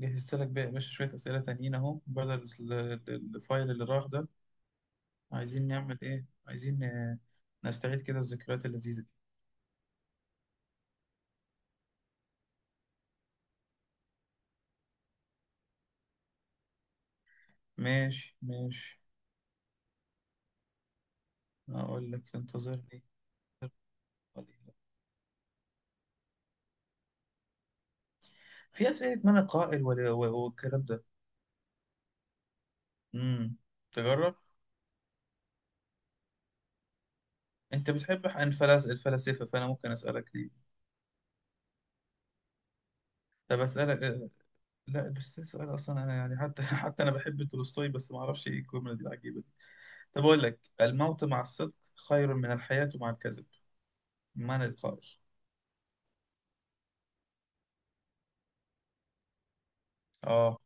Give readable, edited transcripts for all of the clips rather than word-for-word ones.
جهزت لك بقى يا باشا شوية أسئلة تانيين أهو بدل الفايل اللي راح ده. عايزين نعمل إيه؟ عايزين نستعيد كده الذكريات اللذيذة دي. ماشي ماشي. أقول لك انتظرني قليلا. في أسئلة من القائل، والكلام ده. امم تجرب. أنت بتحب عن الفلاسفة، فأنا ممكن أسألك دي. طب أسألك. لا، بس ده سؤال أصلا، أنا يعني حتى حتى أنا بحب تولستوي، بس ما أعرفش إيه الجملة دي العجيبة دي. طب أقول لك: الموت مع الصدق خير من الحياة مع الكذب. ما نتقاش. اه.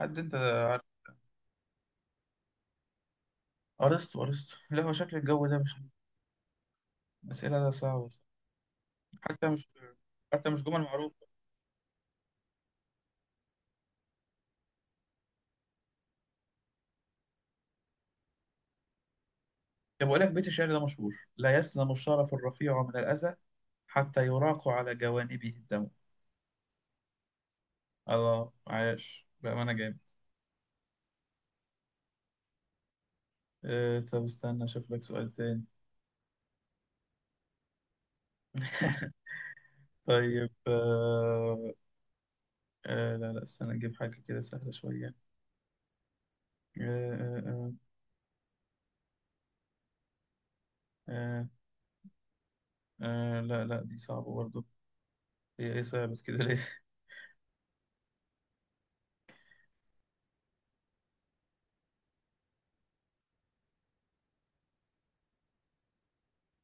حد انت عارف؟ ارسطو، ارسطو. لا، هو شكل الجو ده مش الاسئله ده صعبه. حتى مش حتى مش جمل معروفه. طب بقول لك بيت الشعر ده مشهور: لا يسلم الشرف الرفيع من الاذى، حتى يراق على جوانبه الدم. الله، عاش بامانه، جامد. طب استنى اشوف لك سؤال تاني. طيب. لا لا، استنى نجيب حاجة كده سهلة شوية آه آه آه آه لا لا، دي صعبة برضه. هي ايه صعبت كده ليه؟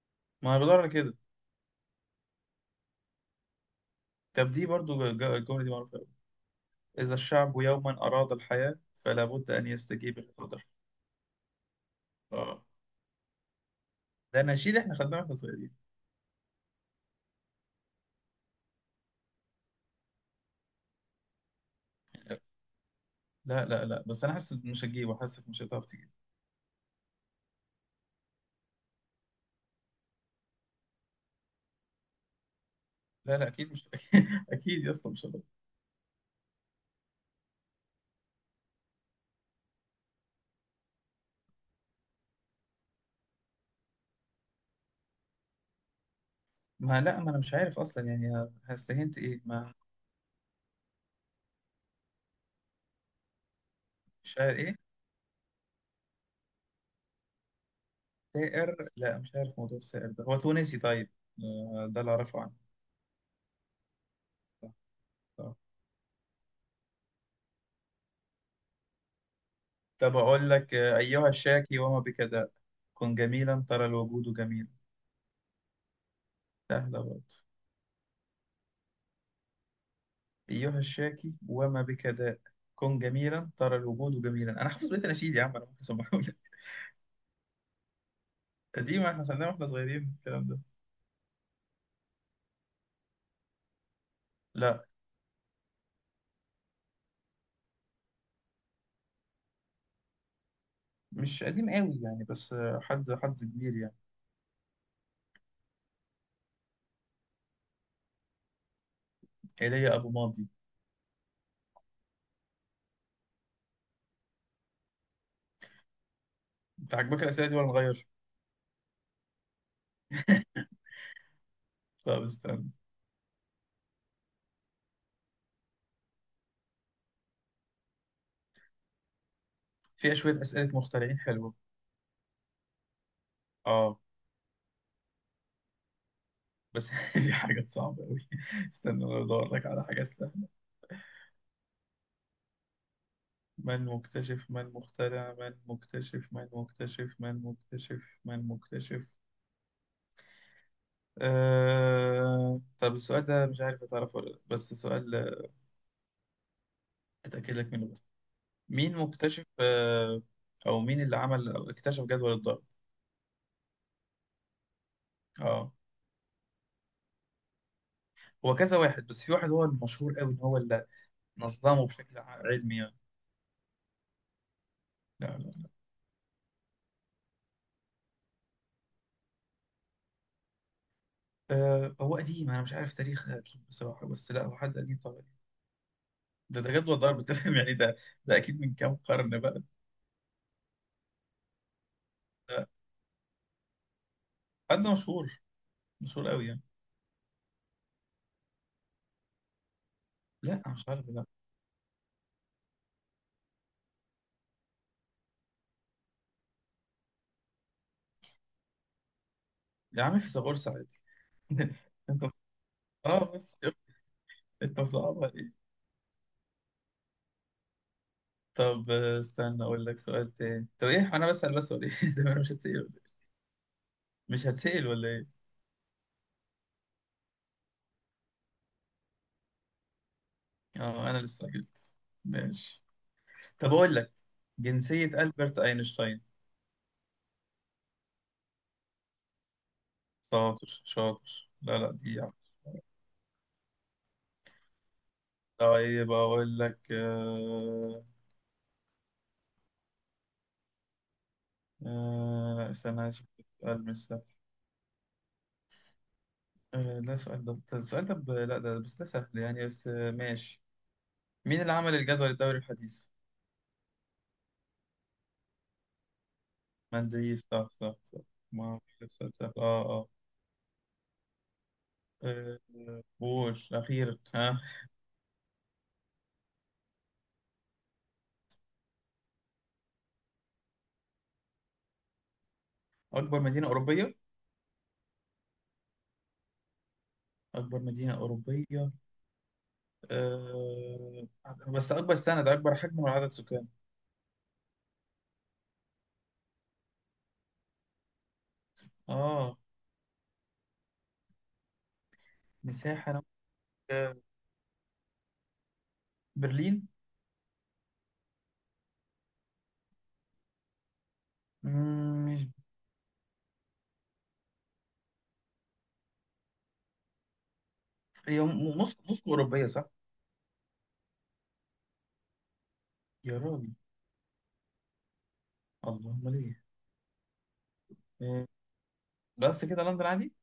ما أنا بدور على كده. طب دي برضو الجملة دي معروفة أوي: إذا الشعب يوما أراد الحياة، فلا بد أن يستجيب القدر. آه. ده نشيد إحنا خدناه وإحنا صغيرين. لا لا لا، بس أنا حاسس مش هتجيبه، حاسسك مش هتعرف تجيبه. لا لا، أكيد مش. أكيد يا اسطى مش هتعرف. ما لا، ما أنا مش عارف أصلا يعني هستهنت إيه ما. مش عارف إيه. سائر؟ لا، مش عارف موضوع السائر ده. هو تونسي، طيب. ده اللي أعرفه عنه. صح، صح. طب أقول لك أيها الشاكي وما بكداء، كن جميلا ترى الوجود جميل. سهلة برضه. أيها الشاكي وما بك داء، كن جميلا ترى الوجود جميلا. أنا حافظ بيت الأناشيد يا عم، أنا ممكن أسمعه لك. قديم، إحنا خدناه وإحنا صغيرين الكلام ده. لا. مش قديم قوي يعني، بس حد كبير يعني. إيليا أبو ماضي. أنت عاجبك الأسئلة دي ولا نغير؟ طب استنى، فيها شوية أسئلة مخترعين حلوة. آه بس دي حاجات صعبة أوي. استنى أنا أدور لك على حاجات سهلة. من مكتشف، من مخترع، من مكتشف، من مكتشف، من مكتشف، من مكتشف. طب السؤال ده مش عارف هتعرفه ولا لأ، بس سؤال أتأكد لك منه بس. مين مكتشف أو مين اللي عمل أو اكتشف جدول الضرب؟ اه. هو كذا واحد، بس في واحد هو المشهور قوي إن هو اللي نظمه بشكل علمي يعني. لا لا لا. هو قديم، أنا مش عارف تاريخ أكيد بصراحة، بس لا، هو حد قديم طبعا. ده جدول ضرب، أنت فاهم يعني ده. ده أكيد من كام قرن بقى. ده حد مشهور، مشهور قوي يعني. لا، مش عارف، لا. يا عم، فيثاغورس عادي. انت، اه بس شوف، انت صعب. طب استنى اقول لك سؤال تاني. طب ايه، انا بسأل بس ولا ايه؟ ده انا مش هتسأل ولا إيه؟ مش هتسأل ولا ايه. اه، انا اللي استعجلت. ماشي. طب اقول لك: جنسية ألبرت أينشتاين. شاطر شاطر. لا لا، دي يعني. طيب اقول لك. استنى أشوف لك سؤال مش سهل. لا، سؤال ده السؤال ده لا، ده بس ده سهل يعني، بس ماشي. مين اللي عمل الجدول الدوري الحديث؟ مندليف، صح صح صح. ما هو سؤال سهل، اه اه. آه، قول أخيرا ها. أكبر مدينة أوروبية. أكبر مدينة أوروبية. أه... بس أكبر سنة ده أكبر حجم ولا عدد سكان؟ آه مساحة أنا. أه... برلين. مش هي م- موسكو، موسكو أوروبية صح؟ يا راجل، اللهم ليه. أه... بس كده لندن عادي؟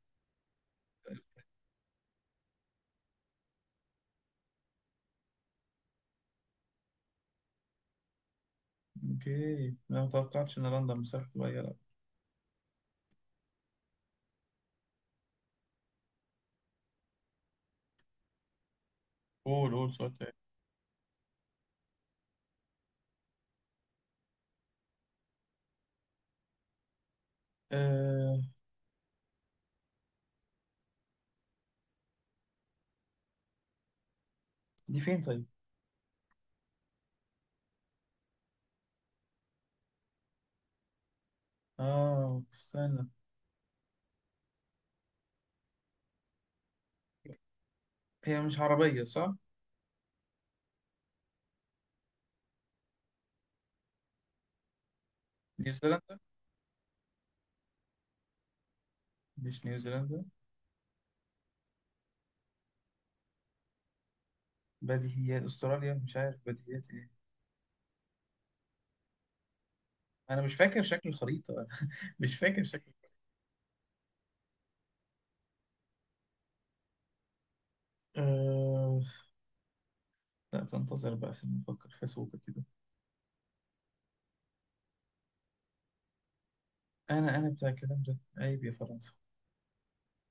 أوكي، أنا متوقعتش إن لندن مساحة صغيرة، لا. قول قول سؤال تاني. أه... دي فين طيب؟ استنى. هي مش عربية صح؟ نيوزيلندا؟ مش نيوزيلندا. بديهيات استراليا، مش عارف بديهيات ايه. انا مش فاكر شكل الخريطه. مش فاكر شكل. أه... لا، تنتظر بقى عشان نفكر في سوق كده. انا بتاع الكلام ده، عيب يا فرنسا.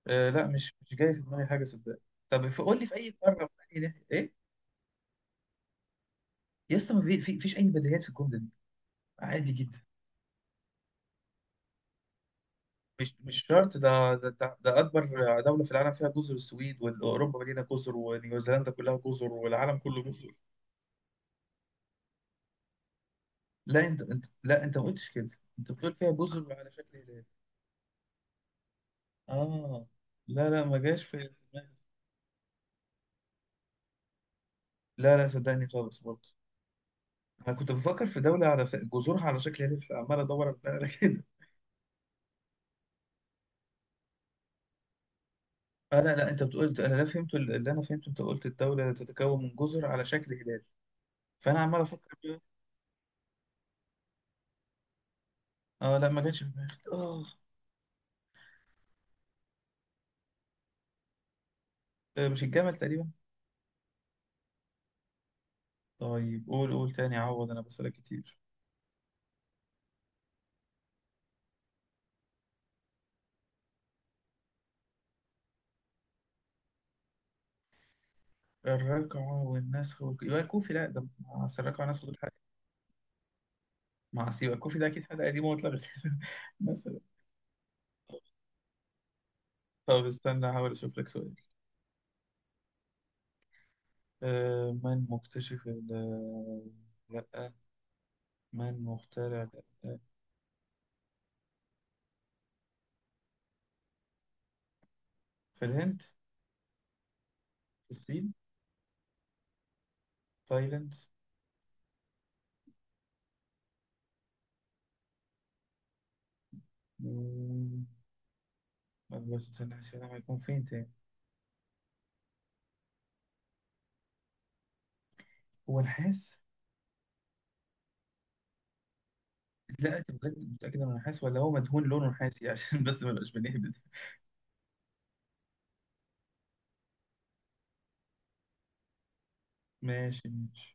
لا، مش جاي في دماغي حاجه صدق. طب قول لي في اي قاره، في أي ايه. يا اسطى، ما في فيش اي بديهيات في الجمله دي. عادي جدا. مش شرط ده ده اكبر دوله في العالم فيها جزر. السويد واوروبا مدينه جزر، ونيوزيلندا كلها جزر، والعالم كله جزر. لا، انت ما قلتش كده. انت بتقول فيها جزر على شكل هلال. اه لا لا، ما جاش في دماغي. لا لا، صدقني خالص برضه. انا كنت بفكر في دولة على جذورها على شكل هيلف، عمال ادور على كده. لا لا، انت بتقول. انا لا فهمت اللي انا فهمته انت قلت الدولة تتكون من جزر على شكل هلال. فانا عمال افكر بقى. اه لا، ما جاتش في دماغي اه. مش الجمل تقريبا. طيب قول قول تاني، عوض انا بسألك كتير. الركعة يبقى الكوفي، لا ده مع أصل الركعة والنسخ دول حاجة. مع أصل، يبقى الكوفي ده أكيد حاجة قديمة واتلغت. مثلا. طب استنى أحاول أشوف لك سؤال. من مكتشف لأ، من مخترع. لأ. في الهند. الصين. تايلاند. مم، بس استنى عشان أعرف هيكون فين تاني. هو نحاس؟ لا، أنت متأكد متأكد إنه نحاس ولا هو مدهون لونه نحاسي؟ عشان بس ما نبقاش بنهبد. ماشي ماشي.